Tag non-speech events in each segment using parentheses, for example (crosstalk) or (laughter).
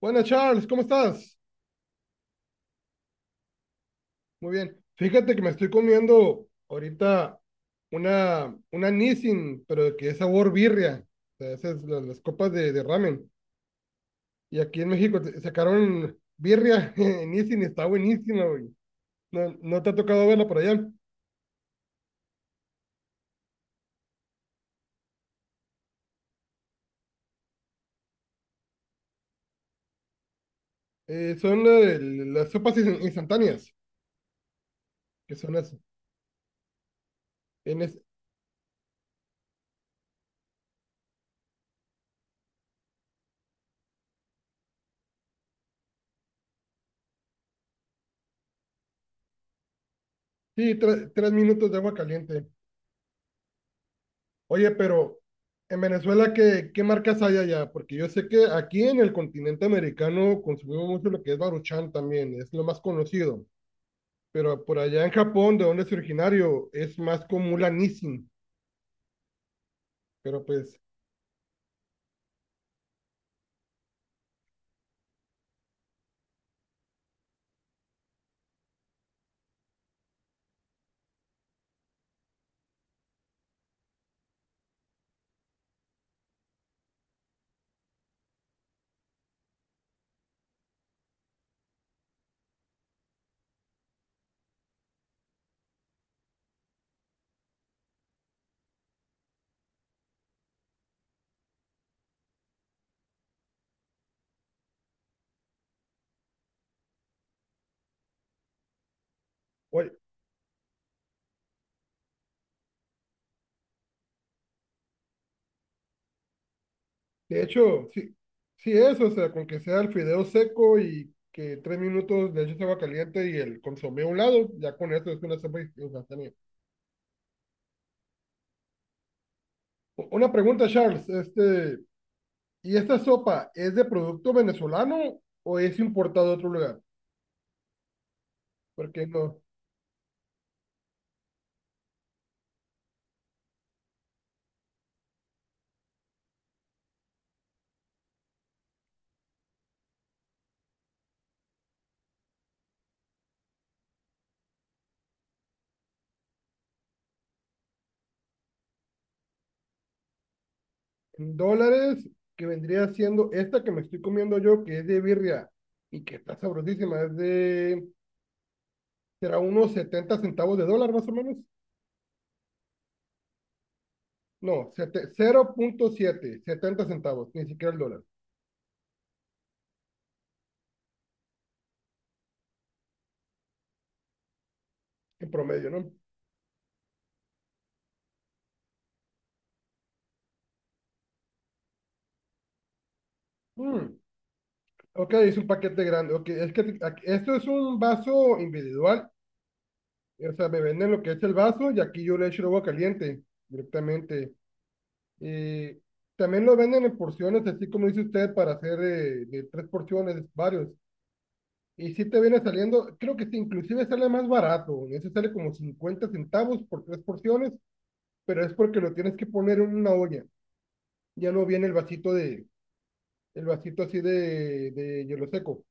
Buenas, Charles, ¿cómo estás? Muy bien. Fíjate que me estoy comiendo ahorita una Nissin, pero que es sabor birria. O sea, esas las copas de ramen. Y aquí en México sacaron birria (laughs) en Nissin, y está buenísima, güey. No, no te ha tocado verla por allá. Son las sopas instantáneas, que son las. En es- sí, tres minutos de agua caliente. Oye, pero en Venezuela, ¿qué, qué marcas hay allá? Porque yo sé que aquí en el continente americano consumimos mucho lo que es Baruchan también, es lo más conocido. Pero por allá en Japón, de donde es originario, es más común la Nissin. Pero pues, oye, de hecho, sí, sí es, o sea, con que sea el fideo seco y que tres minutos de eches agua caliente y el consomé a un lado, ya con eso es una sopa instantánea. Una pregunta, Charles, este… ¿Y esta sopa es de producto venezolano o es importado de otro lugar? Porque no, en dólares que vendría siendo esta que me estoy comiendo yo, que es de birria y que está sabrosísima, es de, será unos 70 centavos de dólar más o menos. No, 0.7, 70 centavos, ni siquiera el dólar, en promedio, ¿no? Mm, ok, es un paquete grande. Ok, es que esto es un vaso individual, o sea, me venden lo que es el vaso y aquí yo le echo el agua caliente directamente. Eh, También lo venden en porciones, así como dice usted, para hacer de tres porciones, varios. Y si te viene saliendo, creo que sí, inclusive sale más barato. En ese sale como 50 centavos por tres porciones, pero es porque lo tienes que poner en una olla. Ya no viene el vasito de, el vasito así de hielo seco.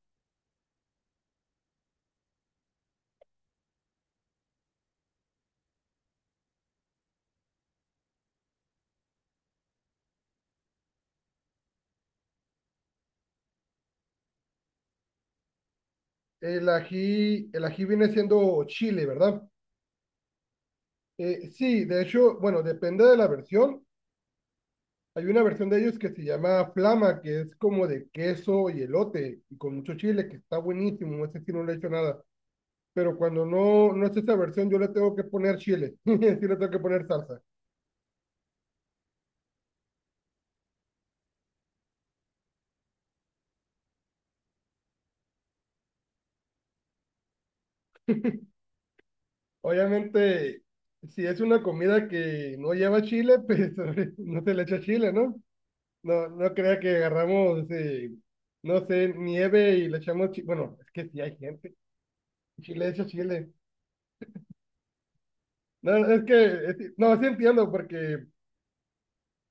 El ají viene siendo chile, ¿verdad? Sí, de hecho, bueno, depende de la versión. Hay una versión de ellos que se llama Flama, que es como de queso y elote, y con mucho chile, que está buenísimo. Ese sí no le he hecho nada. Pero cuando no es esa versión, yo le tengo que poner chile. (laughs) Sí le tengo que poner salsa. Obviamente, si es una comida que no lleva chile, pues (laughs) no se le echa chile, ¿no? No, no crea que agarramos, no sé, nieve y le echamos chile. Bueno, es que sí hay gente. Chile echa chile. No, es que, no, sí entiendo, porque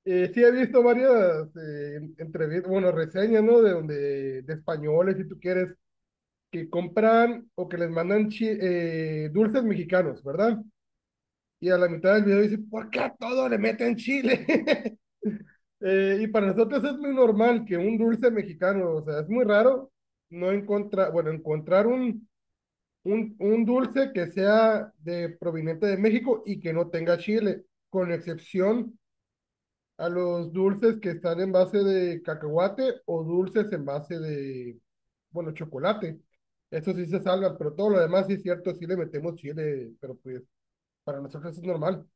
Sí, he visto varias entrevistas, bueno, reseñas, ¿no? De donde, de españoles, si tú quieres, que compran o que les mandan dulces mexicanos, ¿verdad? Y a la mitad del video dice, ¿por qué a todo le meten chile? (laughs) Y para nosotros es muy normal que un dulce mexicano, o sea, es muy raro no encontrar, bueno, encontrar un, un dulce que sea de proveniente de México y que no tenga chile, con excepción a los dulces que están en base de cacahuate o dulces en base de, bueno, chocolate. Eso sí se salva, pero todo lo demás sí es cierto, sí le metemos chile, pero pues para nosotros es normal.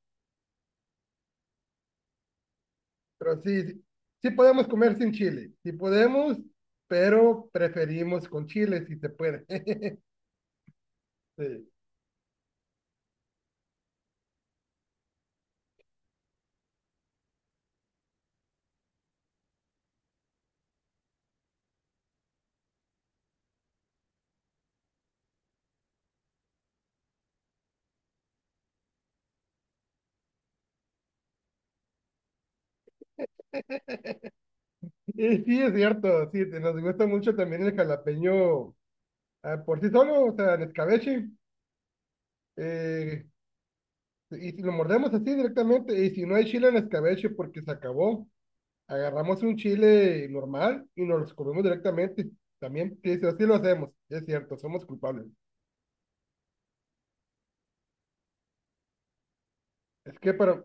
Pero sí, sí, sí podemos comer sin chile, sí podemos, pero preferimos con chile si se puede. (laughs) Sí. Y sí, es cierto, sí, nos gusta mucho también el jalapeño ah, por sí solo, o sea, en escabeche. eh, y si lo mordemos así directamente, y si no hay chile en escabeche porque se acabó, agarramos un chile normal y nos los comemos directamente. También, sí, sí, así lo hacemos, es cierto, somos culpables. Es que, para,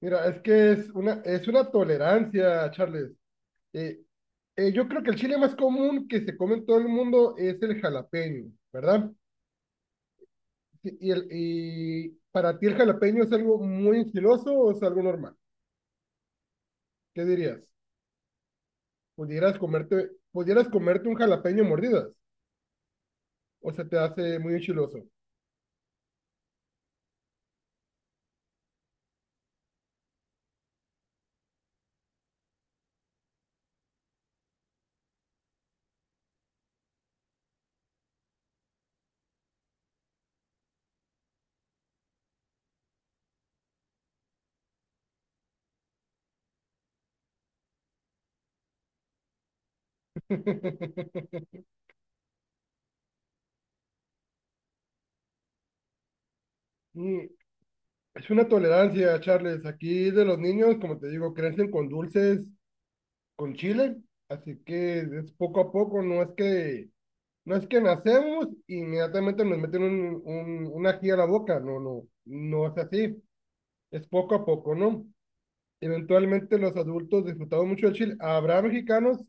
mira, es que es una tolerancia, Charles. Eh, yo creo que el chile más común que se come en todo el mundo es el jalapeño, ¿verdad? Y, el, ¿y para ti el jalapeño es algo muy enchiloso o es algo normal? ¿Qué dirías? Pudieras comerte un jalapeño a mordidas? ¿O se te hace muy enchiloso? (laughs) Mm, es una tolerancia, Charles. Aquí de los niños, como te digo, crecen con dulces, con chile, así que es poco a poco, no es que, no es que nacemos y inmediatamente nos meten un ají a la boca, no, no, no es así, es poco a poco, ¿no? Eventualmente los adultos disfrutamos mucho del chile. Habrá mexicanos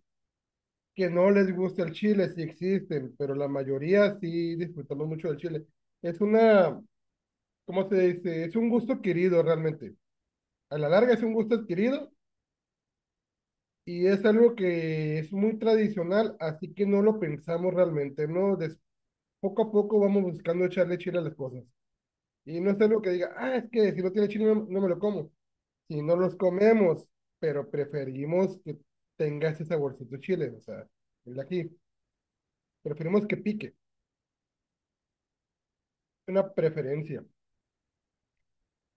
que no les gusta el chile, sí existen, pero la mayoría sí disfrutamos mucho del chile. Es una, ¿cómo se dice? Es un gusto adquirido realmente. A la larga es un gusto adquirido y es algo que es muy tradicional, así que no lo pensamos realmente, ¿no? Poco a poco vamos buscando echarle chile a las cosas. Y no es algo que diga, ah, es que si no tiene chile no, no me lo como. Si no los comemos, pero preferimos que tenga ese saborcito chile, o sea, el de aquí. Preferimos que pique, una preferencia,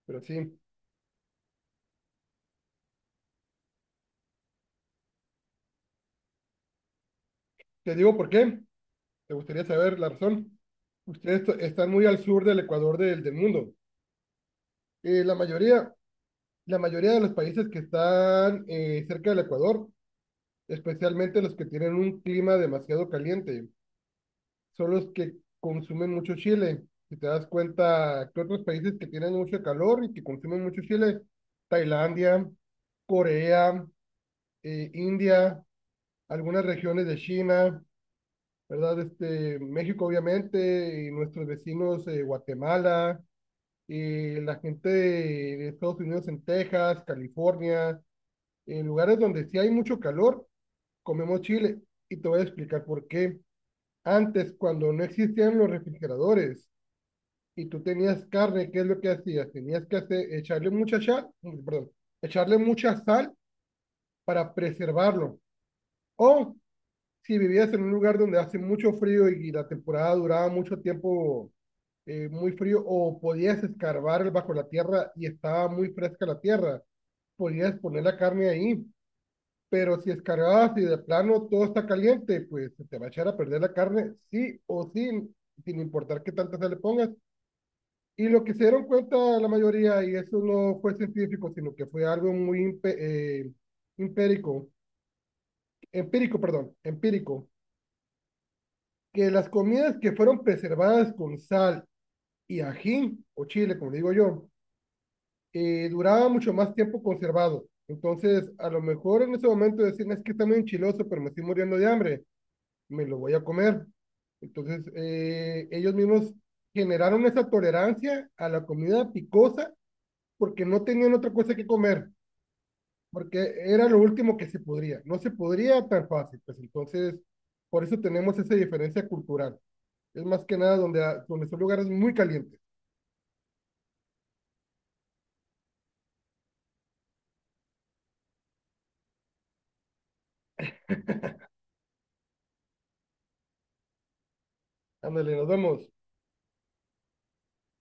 pero sí. Te digo por qué, te gustaría saber la razón. Ustedes están muy al sur del Ecuador del, del mundo. Eh, la mayoría, la mayoría de los países que están cerca del Ecuador, especialmente los que tienen un clima demasiado caliente, son los que consumen mucho chile. Si te das cuenta que otros países que tienen mucho calor y que consumen mucho chile, Tailandia, Corea, India, algunas regiones de China, ¿verdad? Este, México, obviamente, y nuestros vecinos, Guatemala, la gente de Estados Unidos en Texas, California, en lugares donde sí hay mucho calor, comemos chile. Y te voy a explicar por qué. Antes, cuando no existían los refrigeradores, y tú tenías carne, ¿qué es lo que hacías? Tenías que hacer, echarle mucha sal, perdón, echarle mucha sal para preservarlo. O si vivías en un lugar donde hace mucho frío y, la temporada duraba mucho tiempo muy frío, o podías escarbar bajo la tierra y estaba muy fresca la tierra, podías poner la carne ahí. Pero si escarbabas y de plano todo está caliente, pues se te va a echar a perder la carne, sí o sí, sin importar qué tanta sal le pongas. Y lo que se dieron cuenta la mayoría, y eso no fue científico, sino que fue algo muy empírico, empírico, que las comidas que fueron preservadas con sal y ají, o chile, como digo yo, duraban mucho más tiempo conservado. Entonces, a lo mejor en ese momento decían, es que está muy enchiloso, pero me estoy muriendo de hambre, me lo voy a comer. Entonces, ellos mismos generaron esa tolerancia a la comida picosa porque no tenían otra cosa que comer. Porque era lo último que se podría. No se podría tan fácil, pues entonces, por eso tenemos esa diferencia cultural. Es más que nada donde, donde son lugares muy calientes. Ándale, nos vemos.